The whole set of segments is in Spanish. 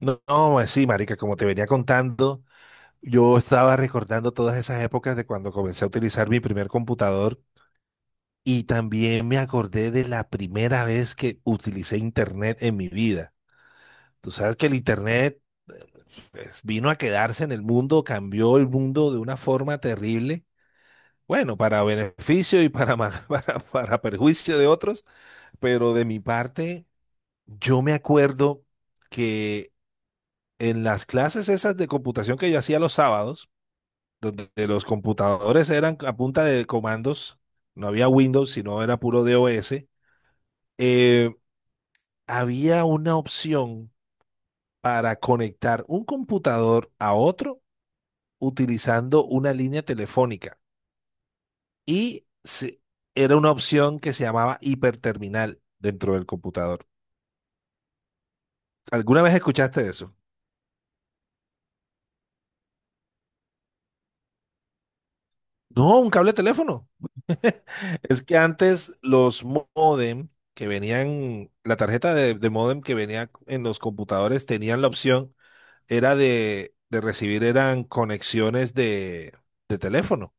No, no, pues sí, marica, como te venía contando, yo estaba recordando todas esas épocas de cuando comencé a utilizar mi primer computador y también me acordé de la primera vez que utilicé internet en mi vida. Tú sabes que el internet eh, pues, vino a quedarse en el mundo, cambió el mundo de una forma terrible. Bueno, para beneficio y para, para perjuicio de otros, pero de mi parte, yo me acuerdo que en las clases esas de computación que yo hacía los sábados, donde los computadores eran a punta de comandos, no había Windows, sino era puro DOS. eh, Había una opción para conectar un computador a otro utilizando una línea telefónica. Y se- Era una opción que se llamaba hiperterminal dentro del computador. ¿Alguna vez escuchaste eso? No, un cable de teléfono. Es que antes los modem que venían, la tarjeta de modem que venía en los computadores tenían la opción, era de recibir, eran conexiones de teléfono.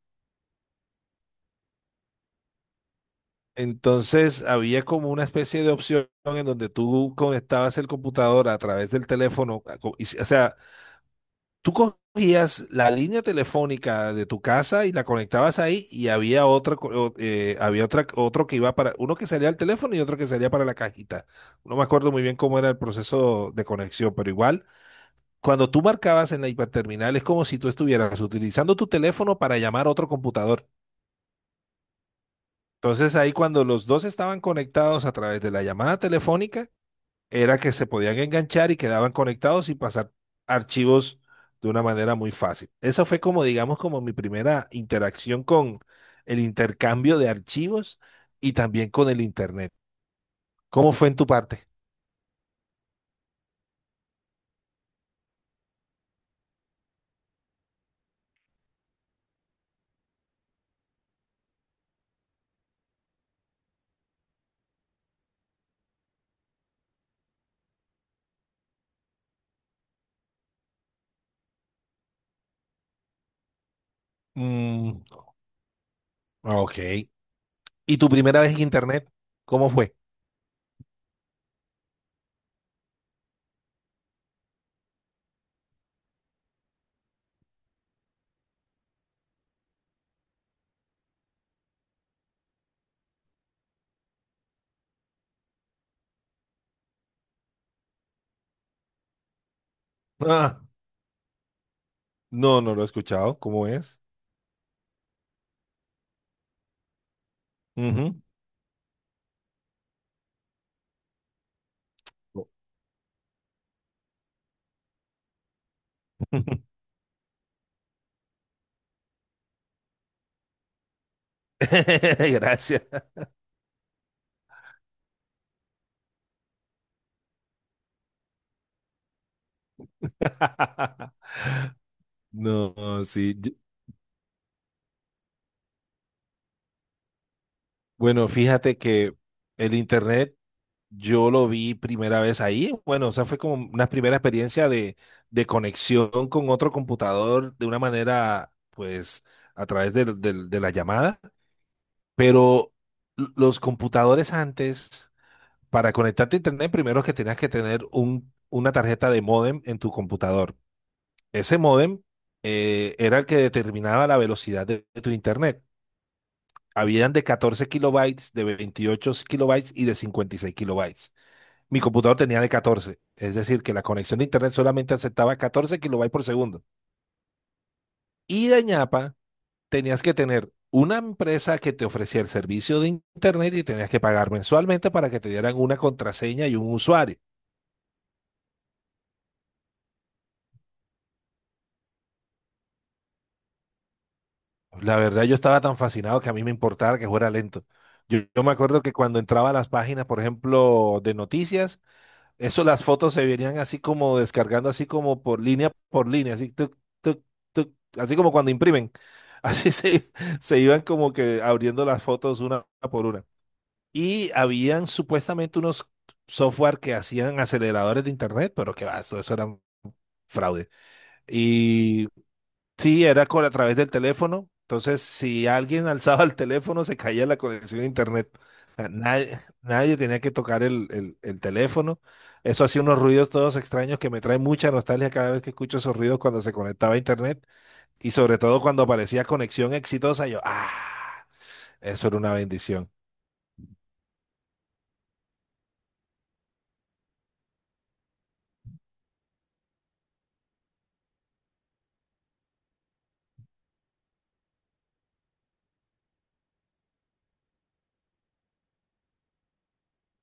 Entonces había como una especie de opción en donde tú conectabas el computador a través del teléfono, a co- y s- o sea, tú cogías la línea telefónica de tu casa y la conectabas ahí y había otra, otro que iba para, uno que salía al teléfono y otro que salía para la cajita. No me acuerdo muy bien cómo era el proceso de conexión, pero igual, cuando tú marcabas en la hiperterminal es como si tú estuvieras utilizando tu teléfono para llamar a otro computador. Entonces ahí cuando los dos estaban conectados a través de la llamada telefónica, era que se podían enganchar y quedaban conectados y pasar archivos de una manera muy fácil. Esa fue como, digamos, como mi primera interacción con el intercambio de archivos y también con el Internet. ¿Cómo fue en tu parte? Mm, ok. ¿Y tu primera vez en Internet? ¿Cómo fue? Ah, no, no lo he escuchado. ¿Cómo es? Ujú. Gracias. No, sí. Bueno, fíjate que el Internet yo lo vi primera vez ahí. Bueno, o sea, fue como una primera experiencia de conexión con otro computador de una manera, pues, a través de la llamada. Pero los computadores antes, para conectarte a internet, primero que tenías que tener una tarjeta de módem en tu computador. Ese módem era el que determinaba la velocidad de tu internet. Habían de 14 kilobytes, de 28 kilobytes y de 56 kilobytes. Mi computador tenía de 14, es decir, que la conexión de internet solamente aceptaba 14 kilobytes por segundo. Y de ñapa, tenías que tener una empresa que te ofrecía el servicio de internet y tenías que pagar mensualmente para que te dieran una contraseña y un usuario. La verdad, yo estaba tan fascinado que a mí me importaba que fuera lento. Yo me acuerdo que cuando entraba a las páginas, por ejemplo, de noticias, eso las fotos se venían así como descargando, así como por línea, así, tuc, tuc, tuc, así como cuando imprimen. Así se, se iban como que abriendo las fotos una por una. Y habían supuestamente unos software que hacían aceleradores de internet, pero que va, eso era fraude. Y sí, era con, a través del teléfono. Entonces, si alguien alzaba el teléfono, se caía la conexión a internet. O sea, nadie, nadie tenía que tocar el teléfono. Eso hacía unos ruidos todos extraños que me trae mucha nostalgia cada vez que escucho esos ruidos cuando se conectaba a internet. Y sobre todo cuando aparecía conexión exitosa, yo, ah, eso era una bendición.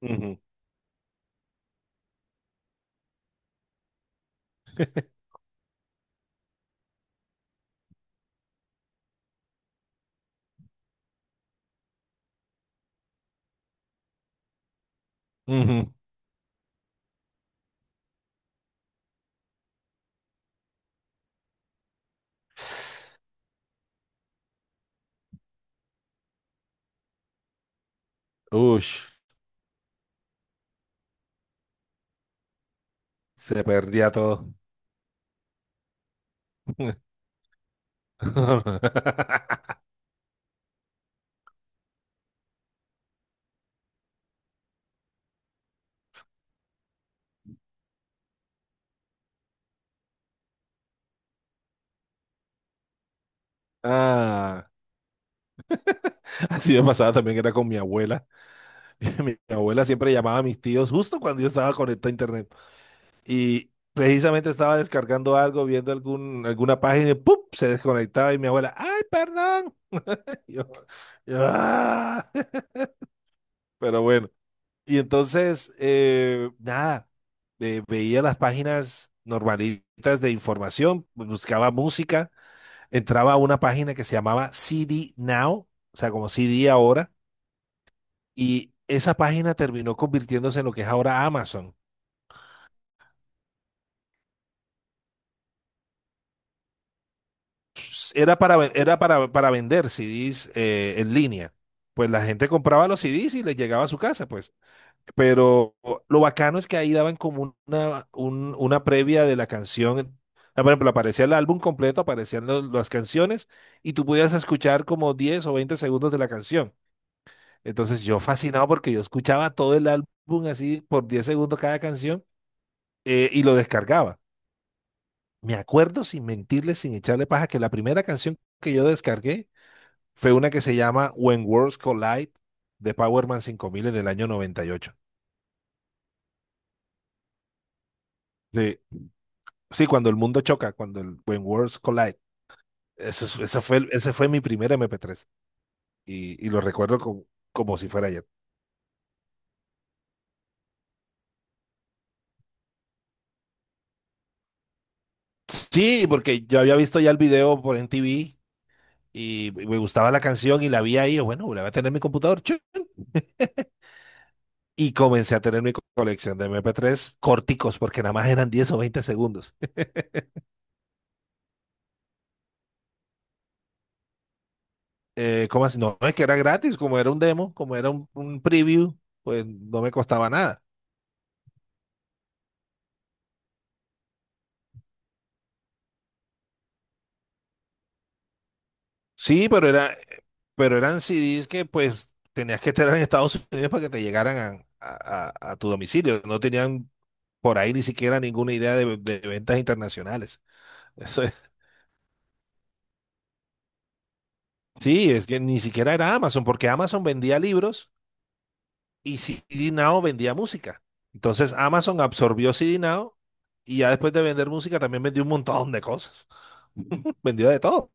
Ujú, ujú. Uy, se perdía todo. Ah, así me pasaba también que era con mi abuela. Mi abuela siempre llamaba a mis tíos justo cuando yo estaba conectado a internet. Y precisamente estaba descargando algo, viendo alguna página y ¡pum! Se desconectaba y mi abuela, ¡ay, perdón! Yo- "Ah". Pero bueno, y entonces, nada, veía las páginas normalitas de información, buscaba música. Entraba a una página que se llamaba CD Now, o sea, como CD ahora, y esa página terminó convirtiéndose en lo que es ahora Amazon. Era para vender CDs en línea. Pues la gente compraba los CDs y les llegaba a su casa, pues. Pero lo bacano es que ahí daban como una previa de la canción. Ah, por ejemplo, aparecía el álbum completo, aparecían las canciones y tú podías escuchar como 10 o 20 segundos de la canción. Entonces yo fascinado porque yo escuchaba todo el álbum así por 10 segundos cada canción y lo descargaba. Me acuerdo sin mentirle, sin echarle paja, que la primera canción que yo descargué fue una que se llama When Worlds Collide de Power Man 5000 del año 98. Sí, sí, cuando el mundo choca, cuando el When Worlds Collide. Eso, eso fue, ese fue mi primer MP3 y lo recuerdo como, como si fuera ayer. Sí, porque yo había visto ya el video por MTV y me gustaba la canción y la vi ahí, yo, bueno, la voy a tener en mi computador, chu. Y comencé a tener mi colección de MP3 corticos, porque nada más eran 10 o 20 segundos. ¿Cómo así? No, es que era gratis, como era un demo, como era un preview, pues no me costaba nada. Sí, pero eran CDs que pues tenías que estar en Estados Unidos para que te llegaran a tu domicilio. No tenían por ahí ni siquiera ninguna idea de ventas internacionales. Eso es- Sí, es que ni siquiera era Amazon, porque Amazon vendía libros y CD Now vendía música. Entonces Amazon absorbió CD Now y ya después de vender música también vendió un montón de cosas. Vendió de todo.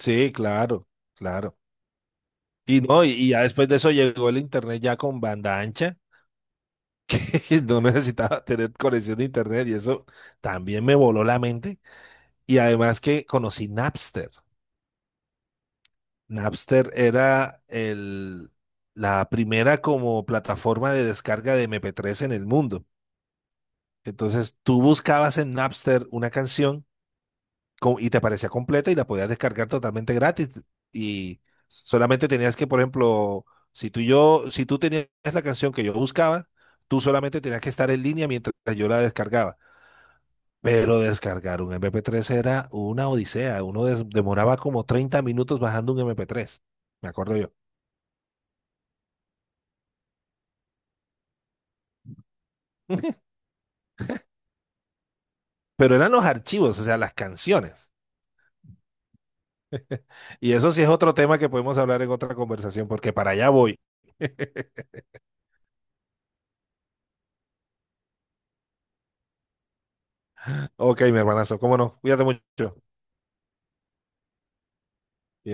Sí, claro, claro. Y no, y ya después de eso llegó el internet ya con banda ancha, que no necesitaba tener conexión de internet y eso también me voló la mente. Y además que conocí Napster. Napster era la primera como plataforma de descarga de MP3 en el mundo. Entonces tú buscabas en Napster una canción y te aparecía completa y la podías descargar totalmente gratis. Y solamente tenías que, por ejemplo, si tú y yo, si tú tenías la canción que yo buscaba, tú solamente tenías que estar en línea mientras yo la descargaba. Pero descargar un MP3 era una odisea. Uno demoraba como 30 minutos bajando un MP3. Me acuerdo yo. Pero eran los archivos, o sea, las canciones. Y eso sí es otro tema que podemos hablar en otra conversación, porque para allá voy. Ok, mi hermanazo, cómo no. Cuídate mucho.